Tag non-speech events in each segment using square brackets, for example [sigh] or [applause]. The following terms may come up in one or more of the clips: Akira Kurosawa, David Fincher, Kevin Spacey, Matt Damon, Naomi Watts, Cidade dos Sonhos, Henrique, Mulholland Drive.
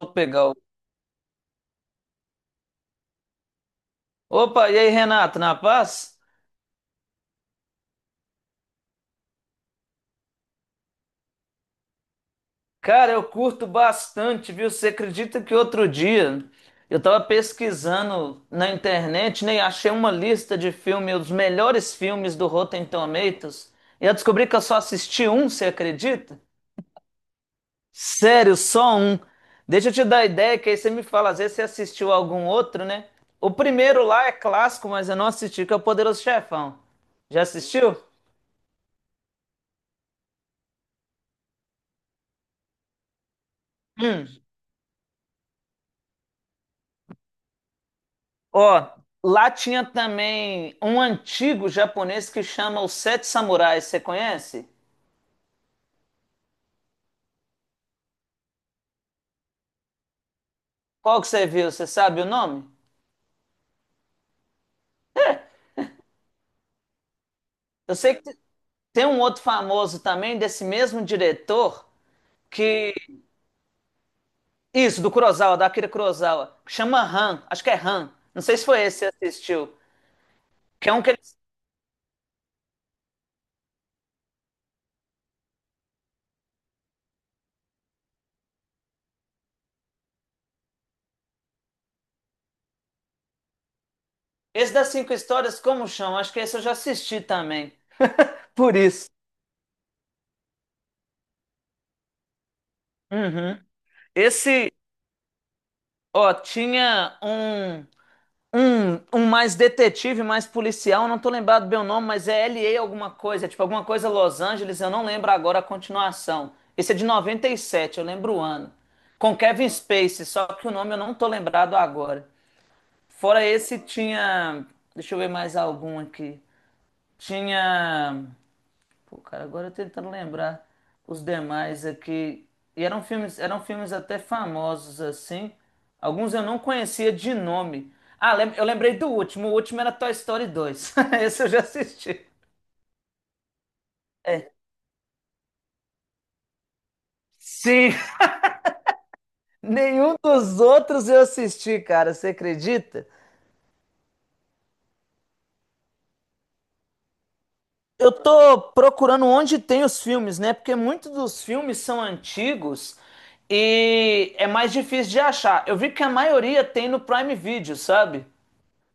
Vou pegar o. Opa, e aí, Renato, na paz? Cara, eu curto bastante, viu? Você acredita que outro dia eu tava pesquisando na internet, né, e achei uma lista de filmes, os melhores filmes do Rotten Tomatoes, e eu descobri que eu só assisti um? Você acredita? Sério, só um. Deixa eu te dar a ideia, que aí você me fala, às vezes você assistiu algum outro, né? O primeiro lá é clássico, mas eu não assisti, que é o Poderoso Chefão. Já assistiu? Ó, lá tinha também um antigo japonês que chama Os Sete Samurais, você conhece? Qual que você viu? Você sabe o nome? Eu sei que te- Tem um outro famoso também desse mesmo diretor que isso, do Kurosawa, da Akira Kurosawa, que chama Han, acho que é Han. Não sei se foi esse que você assistiu. Que é um que ele... Esse das cinco histórias como chama? Acho que esse eu já assisti também. Por isso. Uhum. Esse, ó, tinha um. Um mais detetive, mais policial, eu não tô lembrado bem o nome, mas é LA alguma coisa, é tipo alguma coisa Los Angeles, eu não lembro agora a continuação. Esse é de 97, eu lembro o ano. Com Kevin Spacey, só que o nome eu não tô lembrado agora. Fora esse, tinha. Deixa eu ver mais algum aqui. Tinha. Pô, cara, agora eu tentando lembrar os demais aqui. E eram filmes até famosos assim. Alguns eu não conhecia de nome. Ah, eu lembrei do último. O último era Toy Story 2. [laughs] Esse eu já assisti. É. Sim, [laughs] nenhum dos outros eu assisti, cara, você acredita? Eu tô procurando onde tem os filmes, né? Porque muitos dos filmes são antigos e é mais difícil de achar. Eu vi que a maioria tem no Prime Video, sabe?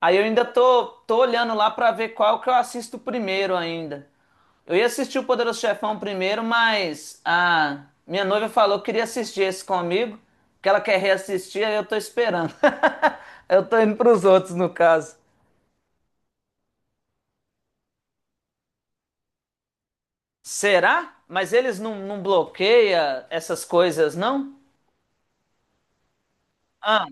Aí eu ainda tô olhando lá pra ver qual que eu assisto primeiro ainda. Eu ia assistir o Poderoso Chefão primeiro, mas a minha noiva falou que queria assistir esse comigo, que ela quer reassistir, aí eu tô esperando. [laughs] Eu tô indo pros outros, no caso. Será? Mas eles não, não bloqueia essas coisas, não? Ah,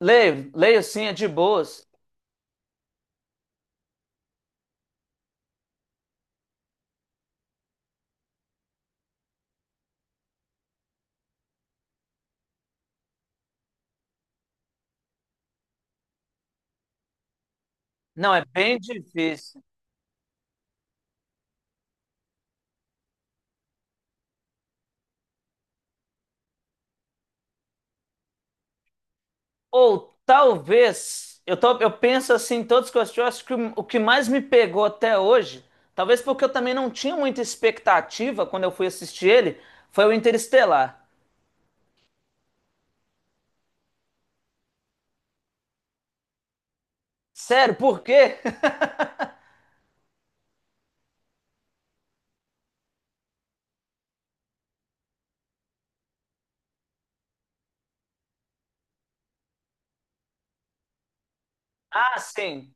leio, leio sim, é de boas. Não, é bem difícil. Ou talvez, eu, tô, eu penso assim, em todos que eu assisti, eu acho que o que mais me pegou até hoje, talvez porque eu também não tinha muita expectativa quando eu fui assistir ele, foi o Interestelar. Sério, por quê? [laughs] Ah, sim.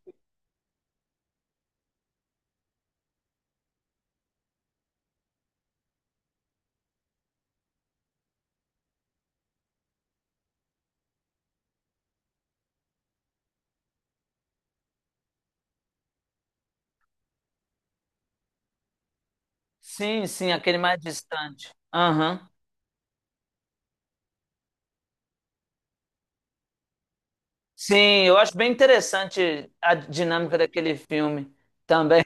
Sim, sim, aquele mais distante. Aham. Sim, eu acho bem interessante a dinâmica daquele filme também.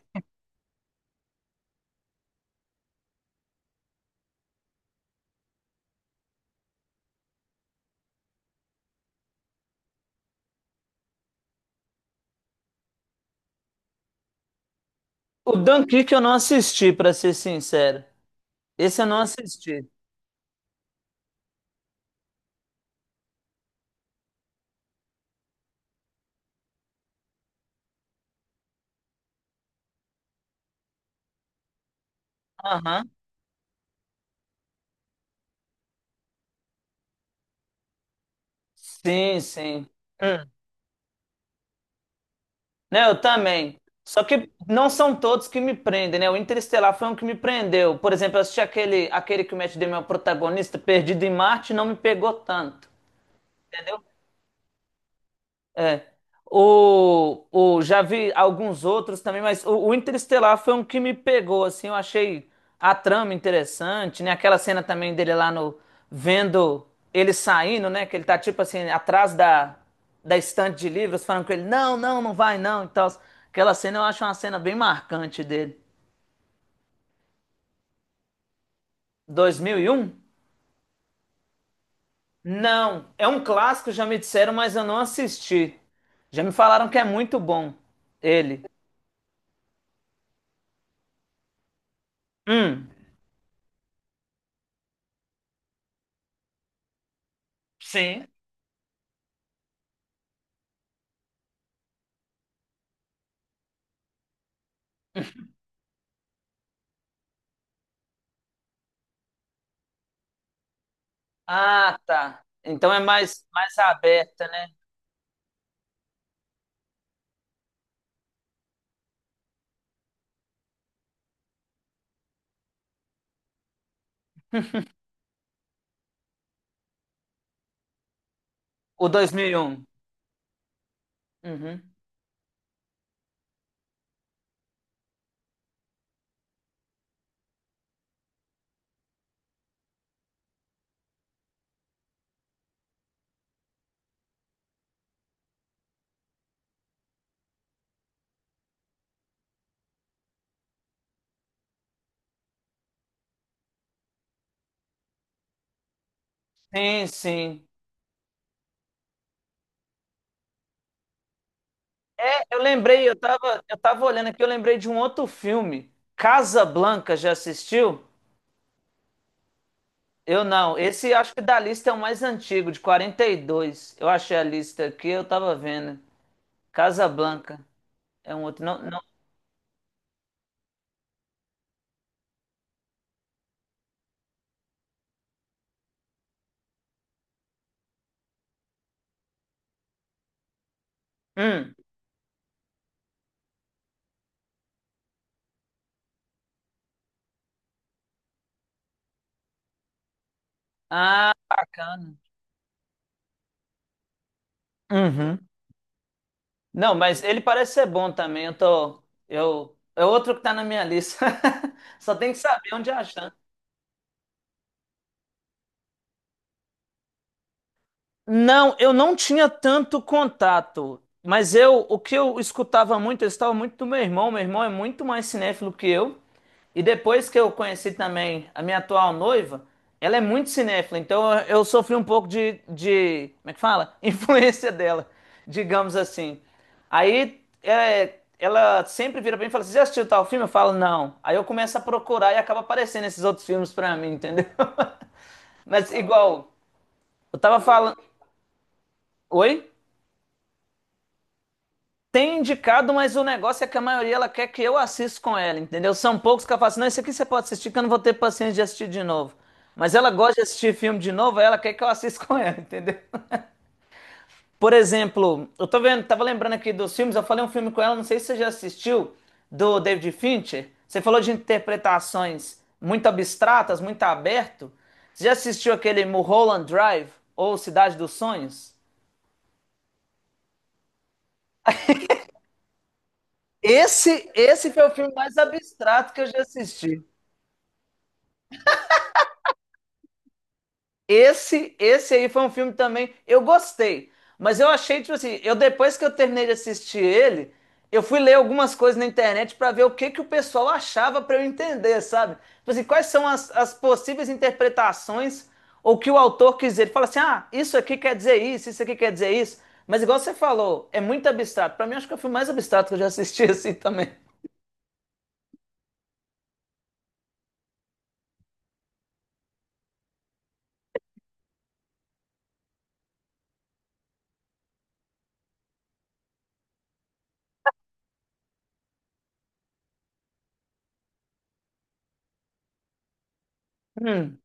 O Dunkirk eu não assisti, pra ser sincero. Esse eu não assisti. Aham. Sim, sim. Hum. Né, eu também. Só que não são todos que me prendem, né? O Interestelar foi um que me prendeu. Por exemplo, eu assisti aquele, aquele que o Matt Damon é o protagonista, Perdido em Marte, não me pegou tanto, entendeu? É. Já vi alguns outros também, mas o Interestelar foi um que me pegou, assim, eu achei a trama interessante, né? Aquela cena também dele lá no, vendo ele saindo, né? Que ele tá, tipo assim, atrás da estante de livros, falando com ele, não, não, não vai, não, e tal. Aquela cena eu acho uma cena bem marcante dele. 2001? Não, é um clássico, já me disseram, mas eu não assisti. Já me falaram que é muito bom, ele. Hum, sim. Ah, tá. Então é mais, mais aberta, né? O 2001. Uhum. Sim, sim. É, eu lembrei, eu tava olhando aqui, eu lembrei de um outro filme. Casa Blanca, já assistiu? Eu não. Esse acho que da lista é o mais antigo, de 42. Eu achei a lista aqui, eu tava vendo. Casa Blanca é um outro. Não, não. Hum. Ah, bacana. Uhum. Não, mas ele parece ser bom também. Eu tô. Eu, é outro que tá na minha lista. [laughs] Só tem que saber onde achar. Não, eu não tinha tanto contato, mas eu, o que eu escutava muito, eu estava muito do meu irmão é muito mais cinéfilo que eu, e depois que eu conheci também a minha atual noiva, ela é muito cinéfila, então eu sofri um pouco de, como é que fala? [laughs] Influência dela, digamos assim. Aí é, ela sempre vira pra mim e fala, assim, você já assistiu tal filme? Eu falo, não. Aí eu começo a procurar e acaba aparecendo esses outros filmes pra mim, entendeu? [laughs] Mas igual, eu tava falando... Oi? Tem indicado, mas o negócio é que a maioria ela quer que eu assista com ela, entendeu? São poucos que ela fala assim, não, esse aqui você pode assistir que eu não vou ter paciência de assistir de novo. Mas ela gosta de assistir filme de novo, aí ela quer que eu assista com ela, [laughs] entendeu? Por exemplo, eu tô vendo, tava lembrando aqui dos filmes, eu falei um filme com ela, não sei se você já assistiu, do David Fincher. Você falou de interpretações muito abstratas, muito aberto. Você já assistiu aquele Mulholland Drive ou Cidade dos Sonhos? Esse foi o filme mais abstrato que eu já assisti. Esse aí foi um filme também. Eu gostei, mas eu achei, tipo assim, eu depois que eu terminei de assistir ele, eu fui ler algumas coisas na internet pra ver o que que o pessoal achava pra eu entender, sabe? Tipo assim, quais são as possíveis interpretações ou que o autor quis dizer. Ele fala assim: ah, isso aqui quer dizer isso, isso aqui quer dizer isso. Mas igual você falou, é muito abstrato. Pra mim, acho que é o filme mais abstrato que eu já assisti [laughs] assim também. Hum.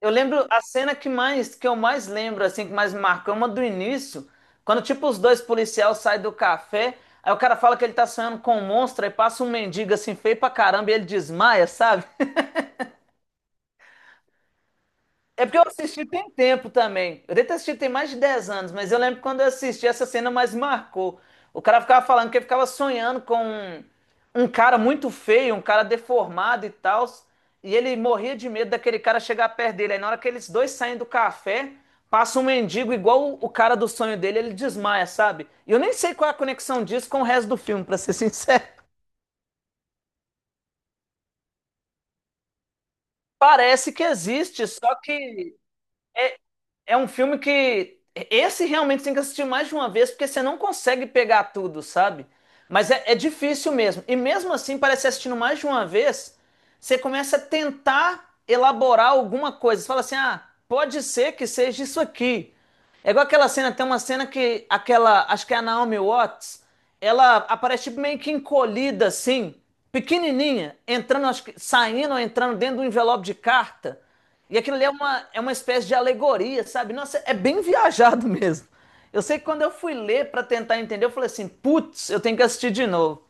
Eu lembro a cena que mais que eu mais lembro, assim, que mais me marcou, é uma do início, quando tipo os dois policiais saem do café, aí o cara fala que ele tá sonhando com um monstro, aí passa um mendigo assim feio pra caramba e ele desmaia, sabe? É porque eu assisti tem tempo também. Eu devo ter assistido tem mais de 10 anos, mas eu lembro que quando eu assisti, essa cena mais marcou. O cara ficava falando que ele ficava sonhando com um, um cara muito feio, um cara deformado e tal. E ele morria de medo daquele cara chegar perto dele. Aí na hora que eles dois saem do café, passa um mendigo igual o cara do sonho dele, ele desmaia, sabe? E eu nem sei qual é a conexão disso com o resto do filme, pra ser sincero. [laughs] Parece que existe, só que é um filme que esse realmente tem que assistir mais de uma vez, porque você não consegue pegar tudo, sabe? Mas é difícil mesmo. E mesmo assim, parece assistindo mais de uma vez, você começa a tentar elaborar alguma coisa. Você fala assim: ah, pode ser que seja isso aqui. É igual aquela cena, tem uma cena que aquela, acho que é a Naomi Watts, ela aparece tipo, meio que encolhida assim, pequenininha, entrando, acho que, saindo ou entrando dentro de um envelope de carta. E aquilo ali é uma espécie de alegoria, sabe? Nossa, é bem [laughs] viajado mesmo. Eu sei que quando eu fui ler para tentar entender, eu falei assim, putz, eu tenho que assistir de novo,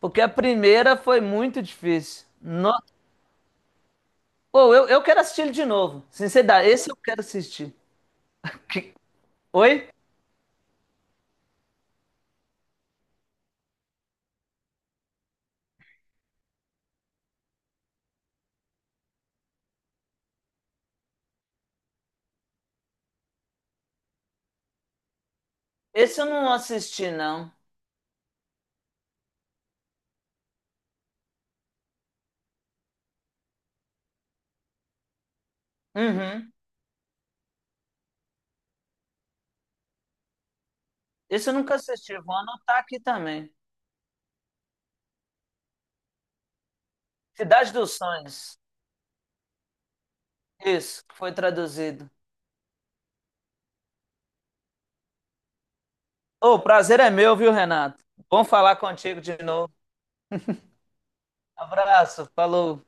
porque a primeira foi muito difícil. Nossa. Pô, eu quero assistir ele de novo. Sinceridade, esse eu quero assistir. [laughs] Que- Oi? Esse eu não assisti, não. Uhum. Esse eu nunca assisti. Vou anotar aqui também. Cidade dos Sonhos. Isso, que foi traduzido. Ô, o prazer é meu, viu, Renato? Bom falar contigo de novo. Abraço, falou.